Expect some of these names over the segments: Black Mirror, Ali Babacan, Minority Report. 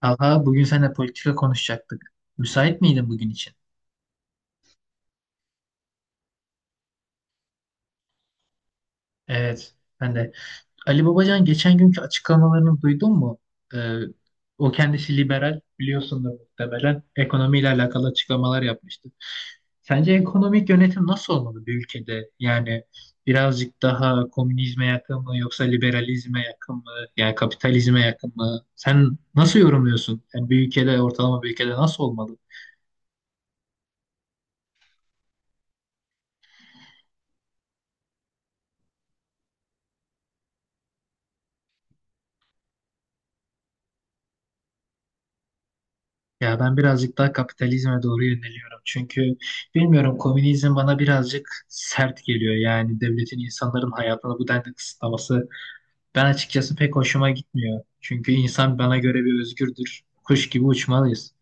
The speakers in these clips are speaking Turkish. Talha, bugün seninle politika konuşacaktık. Müsait miydin bugün için? Evet, ben de. Ali Babacan geçen günkü açıklamalarını duydun mu? Ee, O kendisi liberal, biliyorsundur muhtemelen. Ekonomiyle alakalı açıklamalar yapmıştı. Sence ekonomik yönetim nasıl olmalı bir ülkede? Yani birazcık daha komünizme yakın mı yoksa liberalizme yakın mı? Yani kapitalizme yakın mı? Sen nasıl yorumluyorsun? Yani bir ülkede, ortalama bir ülkede nasıl olmalı? Ya ben birazcık daha kapitalizme doğru yöneliyorum. Çünkü bilmiyorum, komünizm bana birazcık sert geliyor. Yani devletin insanların hayatını bu denli kısıtlaması ben açıkçası pek hoşuma gitmiyor. Çünkü insan bana göre bir özgürdür. Kuş gibi uçmalıyız.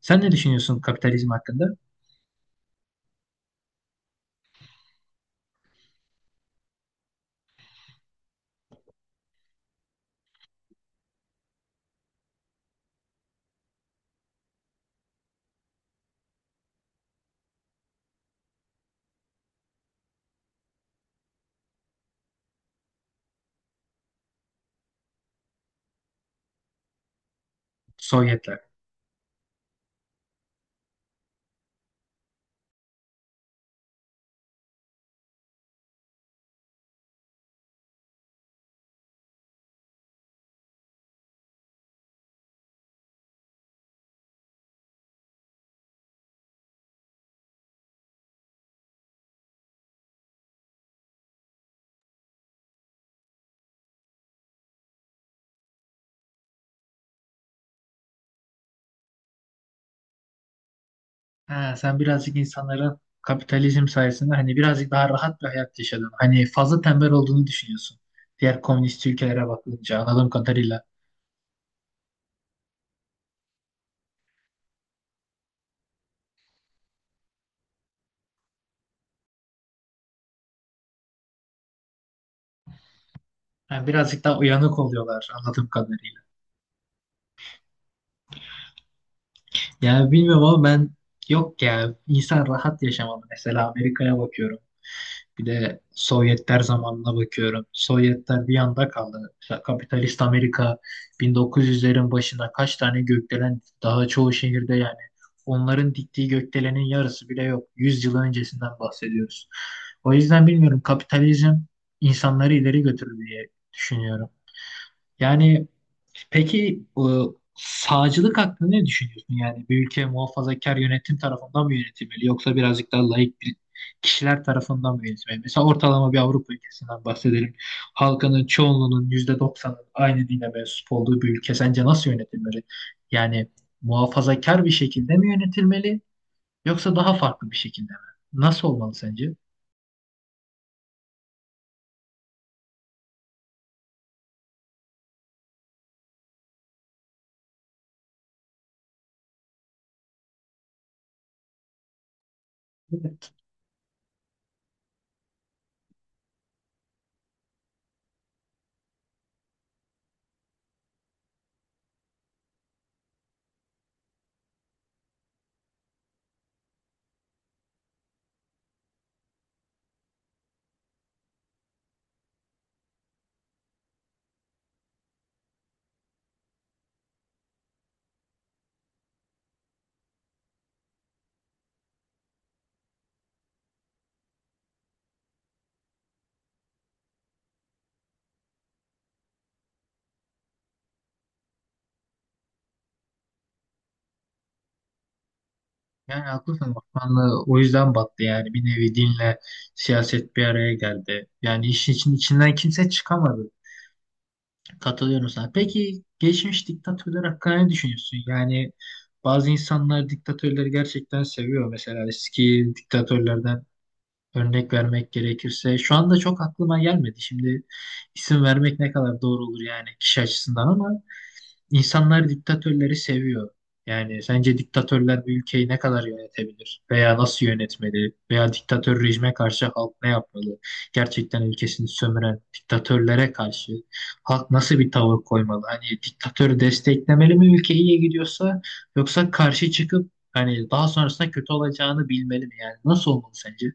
Sen ne düşünüyorsun kapitalizm hakkında? Sovyetler. Ha, sen birazcık insanların kapitalizm sayesinde hani birazcık daha rahat bir hayat yaşadın. Hani fazla tembel olduğunu düşünüyorsun. Diğer komünist ülkelere bakınca anladığım kadarıyla. Yani birazcık daha uyanık oluyorlar anladığım kadarıyla. Yani bilmiyorum ama ben, yok ya, insan rahat yaşamalı. Mesela Amerika'ya bakıyorum. Bir de Sovyetler zamanına bakıyorum. Sovyetler bir yanda kaldı. Mesela kapitalist Amerika 1900'lerin başında kaç tane gökdelen daha çoğu şehirde yani onların diktiği gökdelenin yarısı bile yok. 100 yıl öncesinden bahsediyoruz. O yüzden bilmiyorum, kapitalizm insanları ileri götürür diye düşünüyorum. Yani peki sağcılık hakkında ne düşünüyorsun? Yani bir ülke muhafazakar yönetim tarafından mı yönetilmeli yoksa birazcık daha laik bir kişiler tarafından mı yönetilmeli? Mesela ortalama bir Avrupa ülkesinden bahsedelim. Halkının çoğunluğunun %90'ın aynı dine mensup olduğu bir ülke sence nasıl yönetilmeli? Yani muhafazakar bir şekilde mi yönetilmeli yoksa daha farklı bir şekilde mi? Nasıl olmalı sence? Yani haklısın, Osmanlı o yüzden battı, yani bir nevi dinle siyaset bir araya geldi. Yani işin için, içinden kimse çıkamadı. Katılıyorum sana. Peki geçmiş diktatörler hakkında ne düşünüyorsun? Yani bazı insanlar diktatörleri gerçekten seviyor. Mesela eski diktatörlerden örnek vermek gerekirse şu anda çok aklıma gelmedi. Şimdi isim vermek ne kadar doğru olur yani kişi açısından ama İnsanlar diktatörleri seviyor. Yani sence diktatörler bir ülkeyi ne kadar yönetebilir? Veya nasıl yönetmeli? Veya diktatör rejime karşı halk ne yapmalı? Gerçekten ülkesini sömüren diktatörlere karşı halk nasıl bir tavır koymalı? Hani diktatörü desteklemeli mi ülke iyiye gidiyorsa yoksa karşı çıkıp hani daha sonrasında kötü olacağını bilmeli mi? Yani nasıl olmalı sence?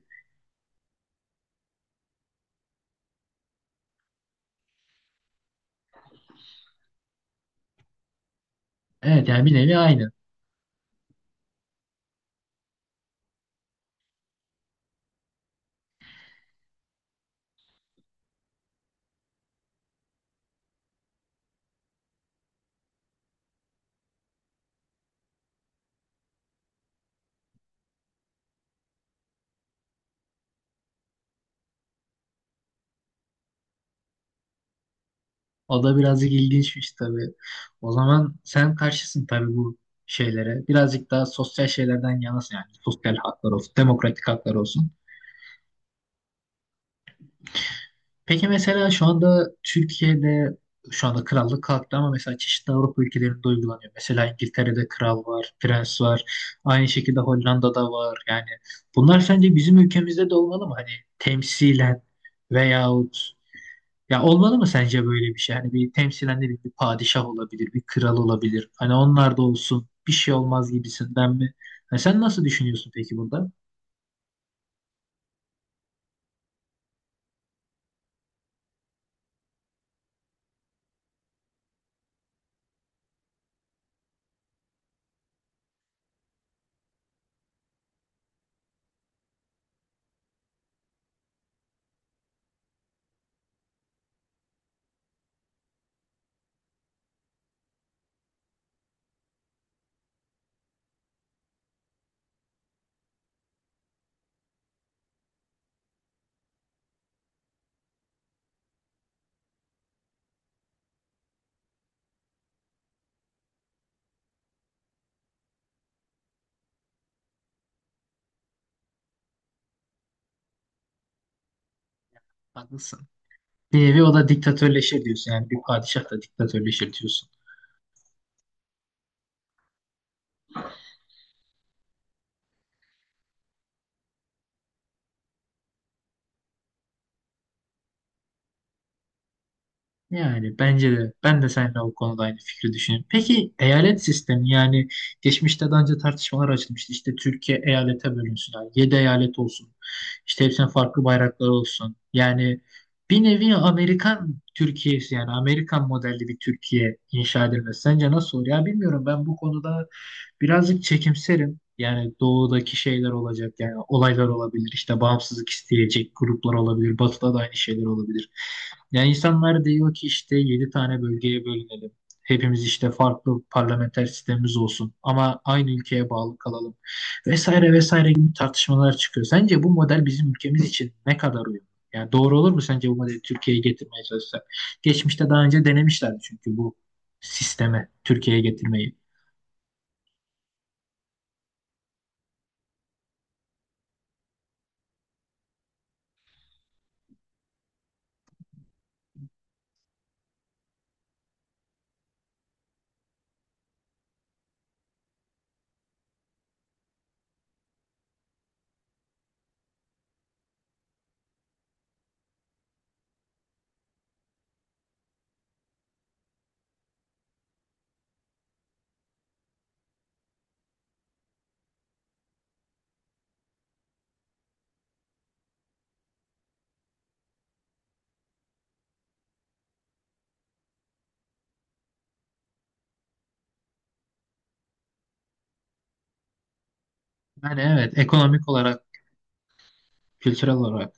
Evet, yani bir nevi aynı. O da birazcık ilginçmiş tabii. O zaman sen karşısın tabii bu şeylere. Birazcık daha sosyal şeylerden yanasın yani. Sosyal haklar olsun, demokratik haklar olsun. Peki mesela şu anda Türkiye'de, şu anda krallık kalktı ama mesela çeşitli Avrupa ülkelerinde uygulanıyor. Mesela İngiltere'de kral var, prens var. Aynı şekilde Hollanda'da var. Yani bunlar sence bizim ülkemizde de olmalı mı? Hani temsilen veyahut ya olmalı mı sence böyle bir şey? Hani bir temsilen ne bileyim, bir padişah olabilir, bir kral olabilir. Hani onlar da olsun, bir şey olmaz gibisinden mi? Ha, sen nasıl düşünüyorsun peki burada? Haklısın. Bir nevi o da diktatörleşir diyorsun. Yani bir padişah da diktatörleşir diyorsun. Yani bence de, ben de seninle o konuda aynı fikri düşünüyorum. Peki eyalet sistemi, yani geçmişte daha önce tartışmalar açılmıştı. İşte Türkiye eyalete bölünsün. Yani 7 eyalet olsun. İşte hepsinin farklı bayrakları olsun. Yani bir nevi Amerikan Türkiye'si, yani Amerikan modelli bir Türkiye inşa edilmesi. Sence nasıl olur? Ya bilmiyorum, ben bu konuda birazcık çekimserim. Yani doğudaki şeyler olacak, yani olaylar olabilir, işte bağımsızlık isteyecek gruplar olabilir, batıda da aynı şeyler olabilir. Yani insanlar diyor ki işte 7 tane bölgeye bölünelim. Hepimiz işte farklı parlamenter sistemimiz olsun ama aynı ülkeye bağlı kalalım vesaire vesaire gibi tartışmalar çıkıyor. Sence bu model bizim ülkemiz için ne kadar uyumlu? Yani doğru olur mu sence bu modeli Türkiye'ye getirmeye çalışsak? Geçmişte daha önce denemişlerdi çünkü bu sisteme Türkiye'ye getirmeyi. Yani evet, ekonomik olarak, kültürel olarak.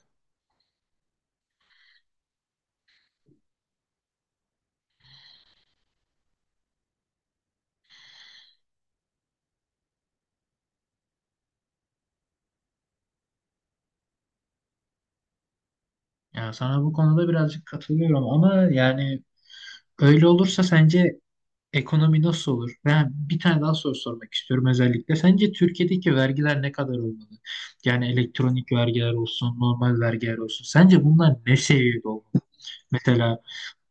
Yani sana bu konuda birazcık katılıyorum ama yani öyle olursa sence ekonomi nasıl olur? Ben bir tane daha soru sormak istiyorum özellikle. Sence Türkiye'deki vergiler ne kadar olmalı? Yani elektronik vergiler olsun, normal vergiler olsun. Sence bunlar ne seviyede olmalı? Mesela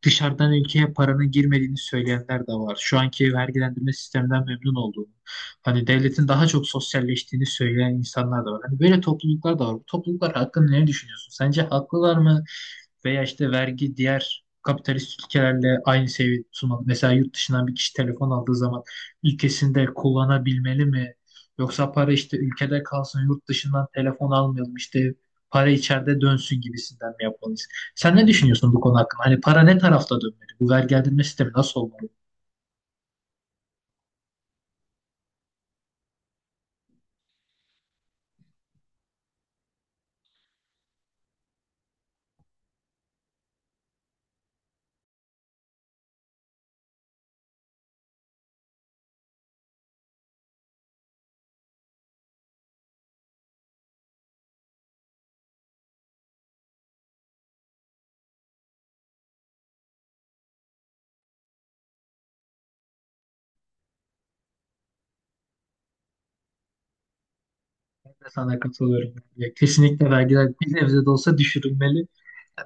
dışarıdan ülkeye paranın girmediğini söyleyenler de var. Şu anki vergilendirme sisteminden memnun olduğunu, hani devletin daha çok sosyalleştiğini söyleyen insanlar da var. Hani böyle topluluklar da var. Bu topluluklar hakkında ne düşünüyorsun? Sence haklılar mı? Veya işte vergi diğer kapitalist ülkelerle aynı seviyede tutulmalı. Mesela yurt dışından bir kişi telefon aldığı zaman ülkesinde kullanabilmeli mi? Yoksa para işte ülkede kalsın, yurt dışından telefon almayalım, işte para içeride dönsün gibisinden mi yapmalı? Sen ne düşünüyorsun bu konu hakkında? Hani para ne tarafta dönmeli? Bu vergilendirme sistemi nasıl olmalı? Ben de sana katılıyorum. Ya kesinlikle vergiler bir nebze de olsa düşürülmeli.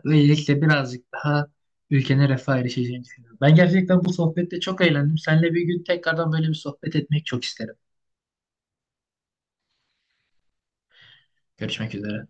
Böylelikle birazcık daha ülkenin refaha erişeceğini düşünüyorum. Ben gerçekten bu sohbette çok eğlendim. Seninle bir gün tekrardan böyle bir sohbet etmek çok isterim. Görüşmek üzere.